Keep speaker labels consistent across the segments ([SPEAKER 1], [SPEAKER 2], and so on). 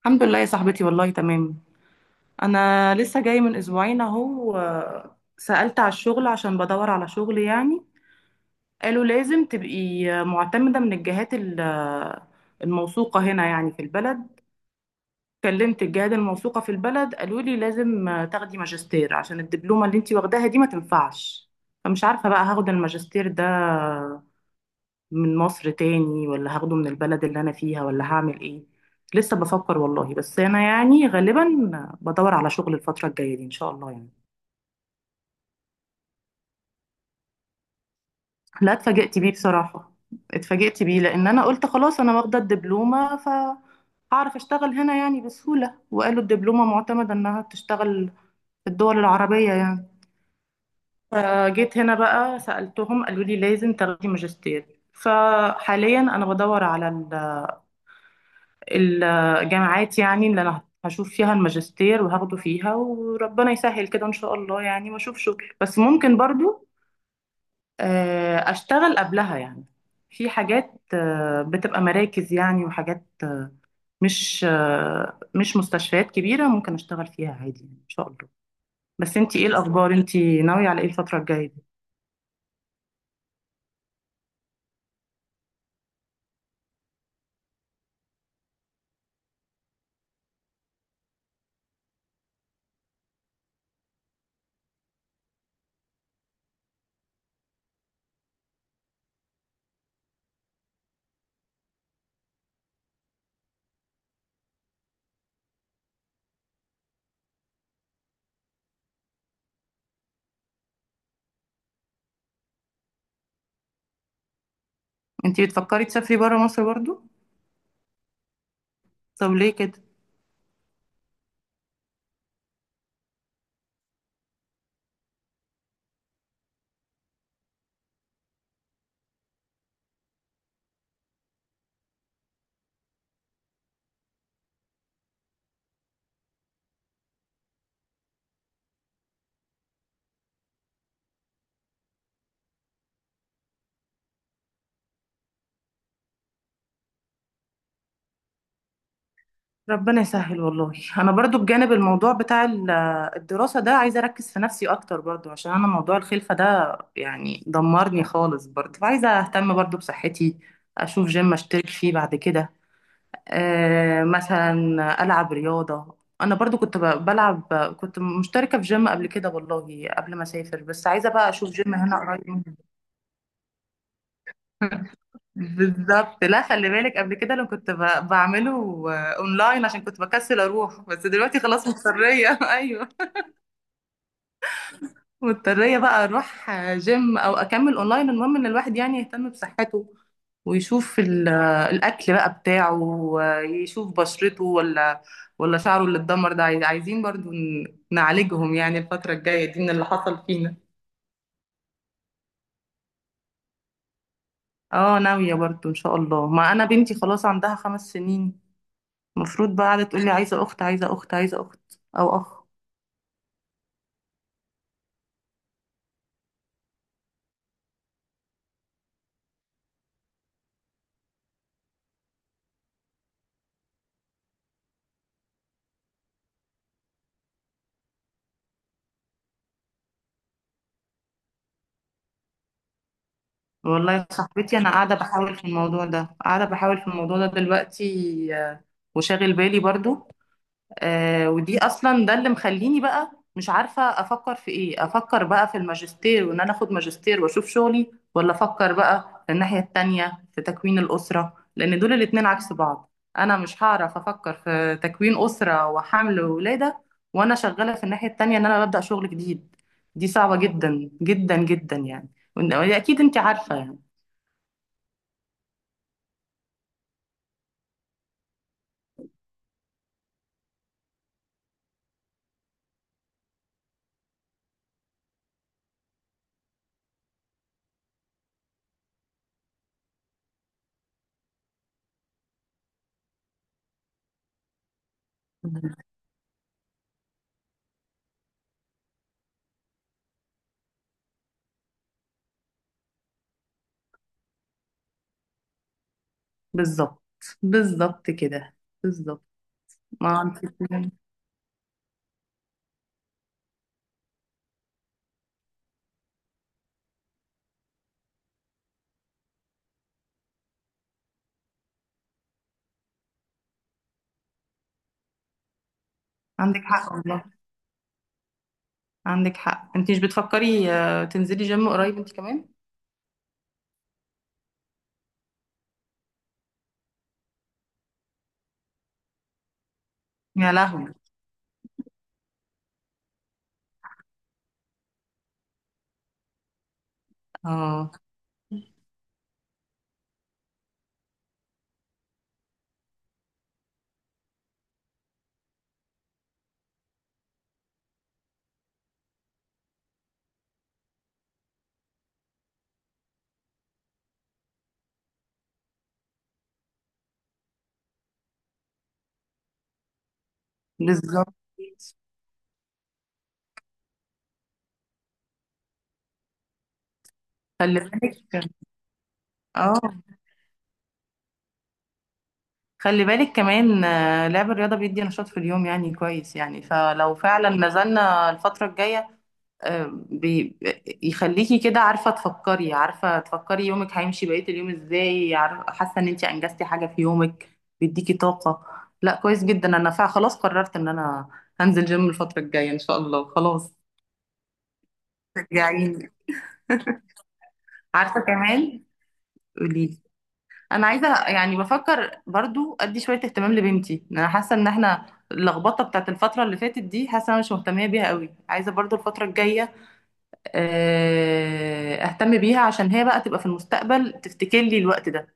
[SPEAKER 1] الحمد لله يا صاحبتي، والله تمام. انا لسه جاي من اسبوعين اهو. سألت على الشغل عشان بدور على شغل يعني. قالوا لازم تبقي معتمدة من الجهات ال- آه، الموثوقة هنا يعني في البلد. كلمت الجهات الموثوقة في البلد، قالوا لي لازم تاخدي ماجستير عشان الدبلومة اللي انتي واخداها دي ما تنفعش. فمش عارفة بقى هاخد الماجستير ده من مصر تاني، ولا هاخده من البلد اللي أنا فيها، ولا هعمل إيه. لسه بفكر والله، بس أنا يعني غالبا بدور على شغل الفترة الجاية دي إن شاء الله يعني. لا، اتفاجئت بيه بصراحة. اتفاجئت بيه لأن أنا قلت خلاص أنا واخدة الدبلومة، ف هعرف اشتغل هنا يعني بسهولة، وقالوا الدبلومة معتمدة انها تشتغل في الدول العربية يعني. فجيت هنا بقى سألتهم، قالوا لي لازم تاخدي ماجستير. فحاليا انا بدور على الجامعات يعني اللي انا هشوف فيها الماجستير وهاخده فيها، وربنا يسهل كده ان شاء الله يعني، واشوف شغل. بس ممكن برضو اشتغل قبلها يعني في حاجات بتبقى مراكز يعني، وحاجات مش مستشفيات كبيرة، ممكن اشتغل فيها عادي يعني ان شاء الله. بس انتي ايه الاخبار؟ انتي ناوية على ايه الفترة الجاية دي؟ انتي بتفكري تسافري برا مصر برضو؟ طب ليه كده؟ ربنا يسهل والله. انا برضو بجانب الموضوع بتاع الدراسة ده عايزة اركز في نفسي اكتر برضو، عشان انا موضوع الخلفة ده يعني دمرني خالص. برضو فعايزة اهتم برضو بصحتي، اشوف جيم اشترك فيه بعد كده. أه، مثلا العب رياضة. انا برضو كنت بلعب، كنت مشتركة في جيم قبل كده والله، قبل ما اسافر، بس عايزة بقى اشوف جيم هنا قريب مني. بالظبط. لا خلي بالك، قبل كده لو كنت بعمله اونلاين عشان كنت بكسل اروح، بس دلوقتي خلاص مضطريه ايوه، مضطريه بقى اروح جيم او اكمل اونلاين. المهم ان الواحد يعني يهتم بصحته، ويشوف الاكل بقى بتاعه، ويشوف بشرته، ولا ولا شعره اللي اتدمر ده، عايزين برضو نعالجهم يعني الفتره الجايه دي من اللي حصل فينا. اه، ناويه برضو ان شاء الله. ما انا بنتي خلاص عندها 5 سنين، المفروض بقى قاعدة تقول لي عايزة أخت، عايزة أخت، عايزة أخت، أو أخ. والله يا صاحبتي، أنا قاعدة بحاول في الموضوع ده، دلوقتي، وشاغل بالي برضو. آه، ودي اصلا ده اللي مخليني بقى مش عارفه افكر في ايه. افكر بقى في الماجستير وان انا اخد ماجستير واشوف شغلي، ولا افكر بقى في الناحيه التانية في تكوين الاسره؟ لان دول الاتنين عكس بعض. انا مش هعرف افكر في تكوين اسره وحمل ولاده وانا شغاله في الناحيه التانية ان انا ببدا شغل جديد. دي صعبه جدا جدا جدا يعني. اكيد انت عارفه يعني. بالظبط، بالظبط كده، بالظبط. ما انت. عندك حق، عندك حق. انت مش بتفكري تنزلي جيم قريب انت كمان؟ يا لهوي. اه، بالظبط. خلي بالك. اه، خلي بالك كمان. لعب الرياضة بيدي نشاط في اليوم يعني، كويس يعني. فلو فعلا نزلنا الفترة الجاية آه، بي يخليكي كده عارفة تفكري، عارفة تفكري يومك هيمشي بقية اليوم ازاي، عارفة حاسة ان انت انجزتي حاجة في يومك، بيديكي طاقة. لا، كويس جدا. انا فعلا خلاص قررت ان انا هنزل جيم الفترة الجاية ان شاء الله، خلاص. شجعيني. عارفه كمان. قولي لي. انا عايزه يعني بفكر برضو ادي شويه اهتمام لبنتي. انا حاسه ان احنا اللخبطه بتاعت الفتره اللي فاتت دي حاسه انا مش مهتميه بيها قوي. عايزه برضو الفتره الجايه اهتم بيها، عشان هي بقى تبقى في المستقبل تفتكر لي الوقت ده،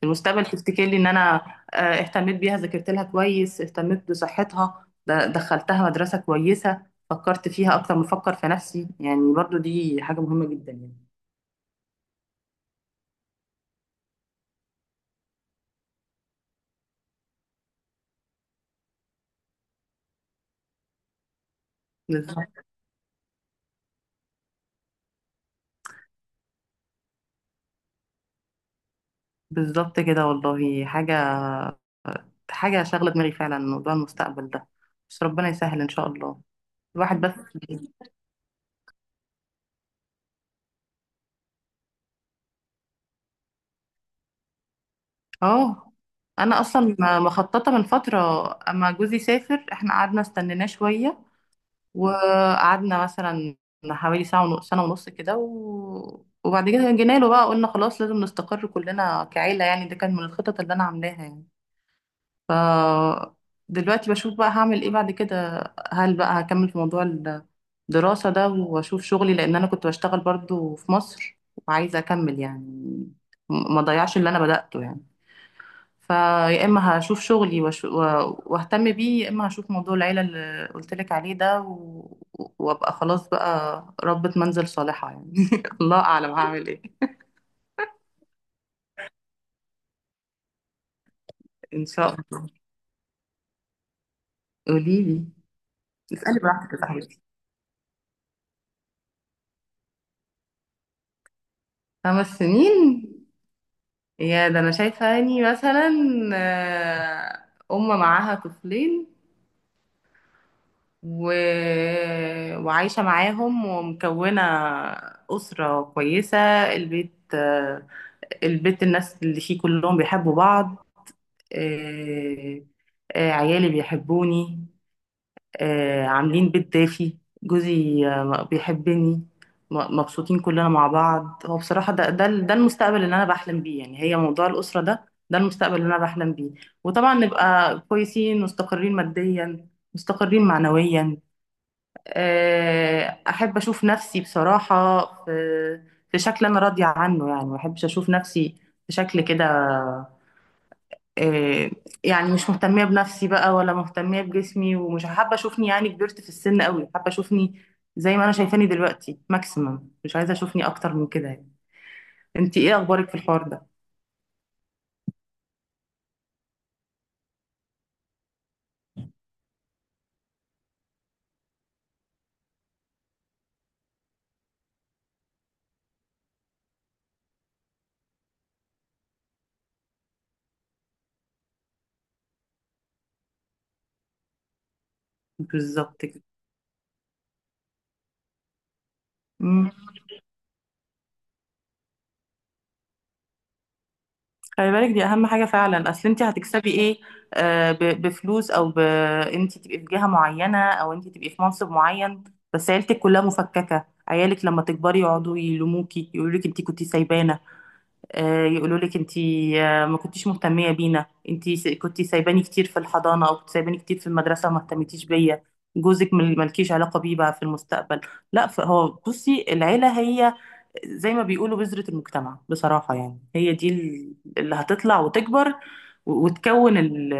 [SPEAKER 1] في المستقبل تفتكر لي ان انا اهتميت بيها، ذاكرت لها كويس، اهتميت بصحتها، دخلتها مدرسه كويسه، فكرت فيها اكتر ما افكر في نفسي يعني. برضو دي حاجه مهمه جدا يعني. بالظبط، بالظبط كده. والله حاجة شاغلة دماغي فعلا موضوع المستقبل ده، بس ربنا يسهل إن شاء الله. الواحد بس. اه، أنا أصلا مخططة من فترة. أما جوزي سافر، إحنا قعدنا استنيناه شوية، وقعدنا مثلا حوالي ساعة ونص سنة ونص كده، وبعد كده جينا له بقى، قلنا خلاص لازم نستقر كلنا كعيلة يعني. ده كان من الخطط اللي أنا عاملاها يعني. ف دلوقتي بشوف بقى هعمل ايه بعد كده. هل بقى هكمل في موضوع الدراسة ده واشوف شغلي، لان انا كنت بشتغل برضو في مصر، وعايزة اكمل يعني، ما ضيعش اللي انا بدأته يعني. فيا اما هشوف شغلي واهتم بيه، يا اما هشوف موضوع العيلة اللي قلت لك عليه ده، وابقى خلاص بقى ربة منزل صالحة يعني الله اعلم هعمل ايه. ان شاء الله. قولي لي. اسألي براحتك يا صاحبتي. 5 سنين؟ يا ده، انا شايفه اني مثلا آه، ام معاها طفلين، و... وعايشه معاهم، ومكونه اسره كويسه. البيت البيت، الناس اللي فيه كلهم بيحبوا بعض. آه، عيالي بيحبوني، عاملين بيت دافي، جوزي بيحبني. مبسوطين كلنا مع بعض. هو بصراحة ده المستقبل اللي أنا بحلم بيه يعني. هي موضوع الأسرة ده، ده المستقبل اللي أنا بحلم بيه. وطبعا نبقى كويسين مستقرين ماديا، مستقرين معنويا. أحب أشوف نفسي بصراحة في في شكل أنا راضية عنه يعني. ما أحبش أشوف نفسي في شكل كده، آه، يعني مش مهتمية بنفسي بقى، ولا مهتمية بجسمي، ومش حابة اشوفني يعني كبرت في السن قوي. حابة اشوفني زي ما انا شايفاني دلوقتي ماكسيمم، مش عايزة اشوفني اكتر من كده يعني. انت ايه اخبارك في الحوار ده؟ بالظبط كده. مم. خلي بالك، دي اهم حاجة فعلا. اصل انت هتكسبي ايه؟ بفلوس، انت تبقي في جهة معينة، او انت تبقي في منصب معين، بس عيلتك كلها مفككة. عيالك لما تكبري يقعدوا يلوموكي، يقولوا لك انت كنتي سايبانا، يقولوا لك انت ما كنتيش مهتميه بينا، انت كنت سايباني كتير في الحضانه، او كنت سايباني كتير في المدرسه وما اهتمتيش بيا. جوزك ملكيش علاقه بيه بقى في المستقبل. لا، فهو بصي، العيله هي زي ما بيقولوا بذره المجتمع بصراحه يعني. هي دي اللي هتطلع وتكبر، وتكون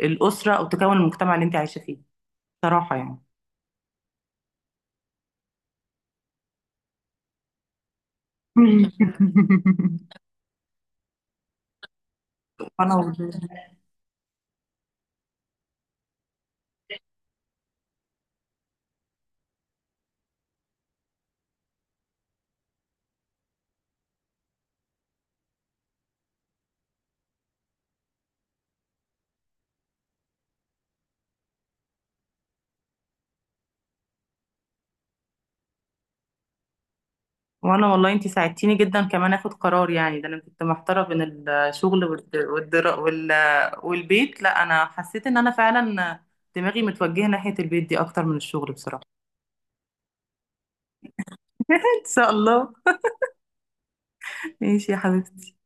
[SPEAKER 1] الاسره، او تكون المجتمع اللي انت عايشه فيه بصراحه يعني. انا وانا والله انتي ساعدتيني جدا كمان اخد قرار يعني. ده انا كنت محتاره بين الشغل والدرا والبيت. لا، انا حسيت ان انا فعلا دماغي متوجهه ناحيه البيت دي اكتر من الشغل بصراحه. ان شاء الله. ماشي يا حبيبتي.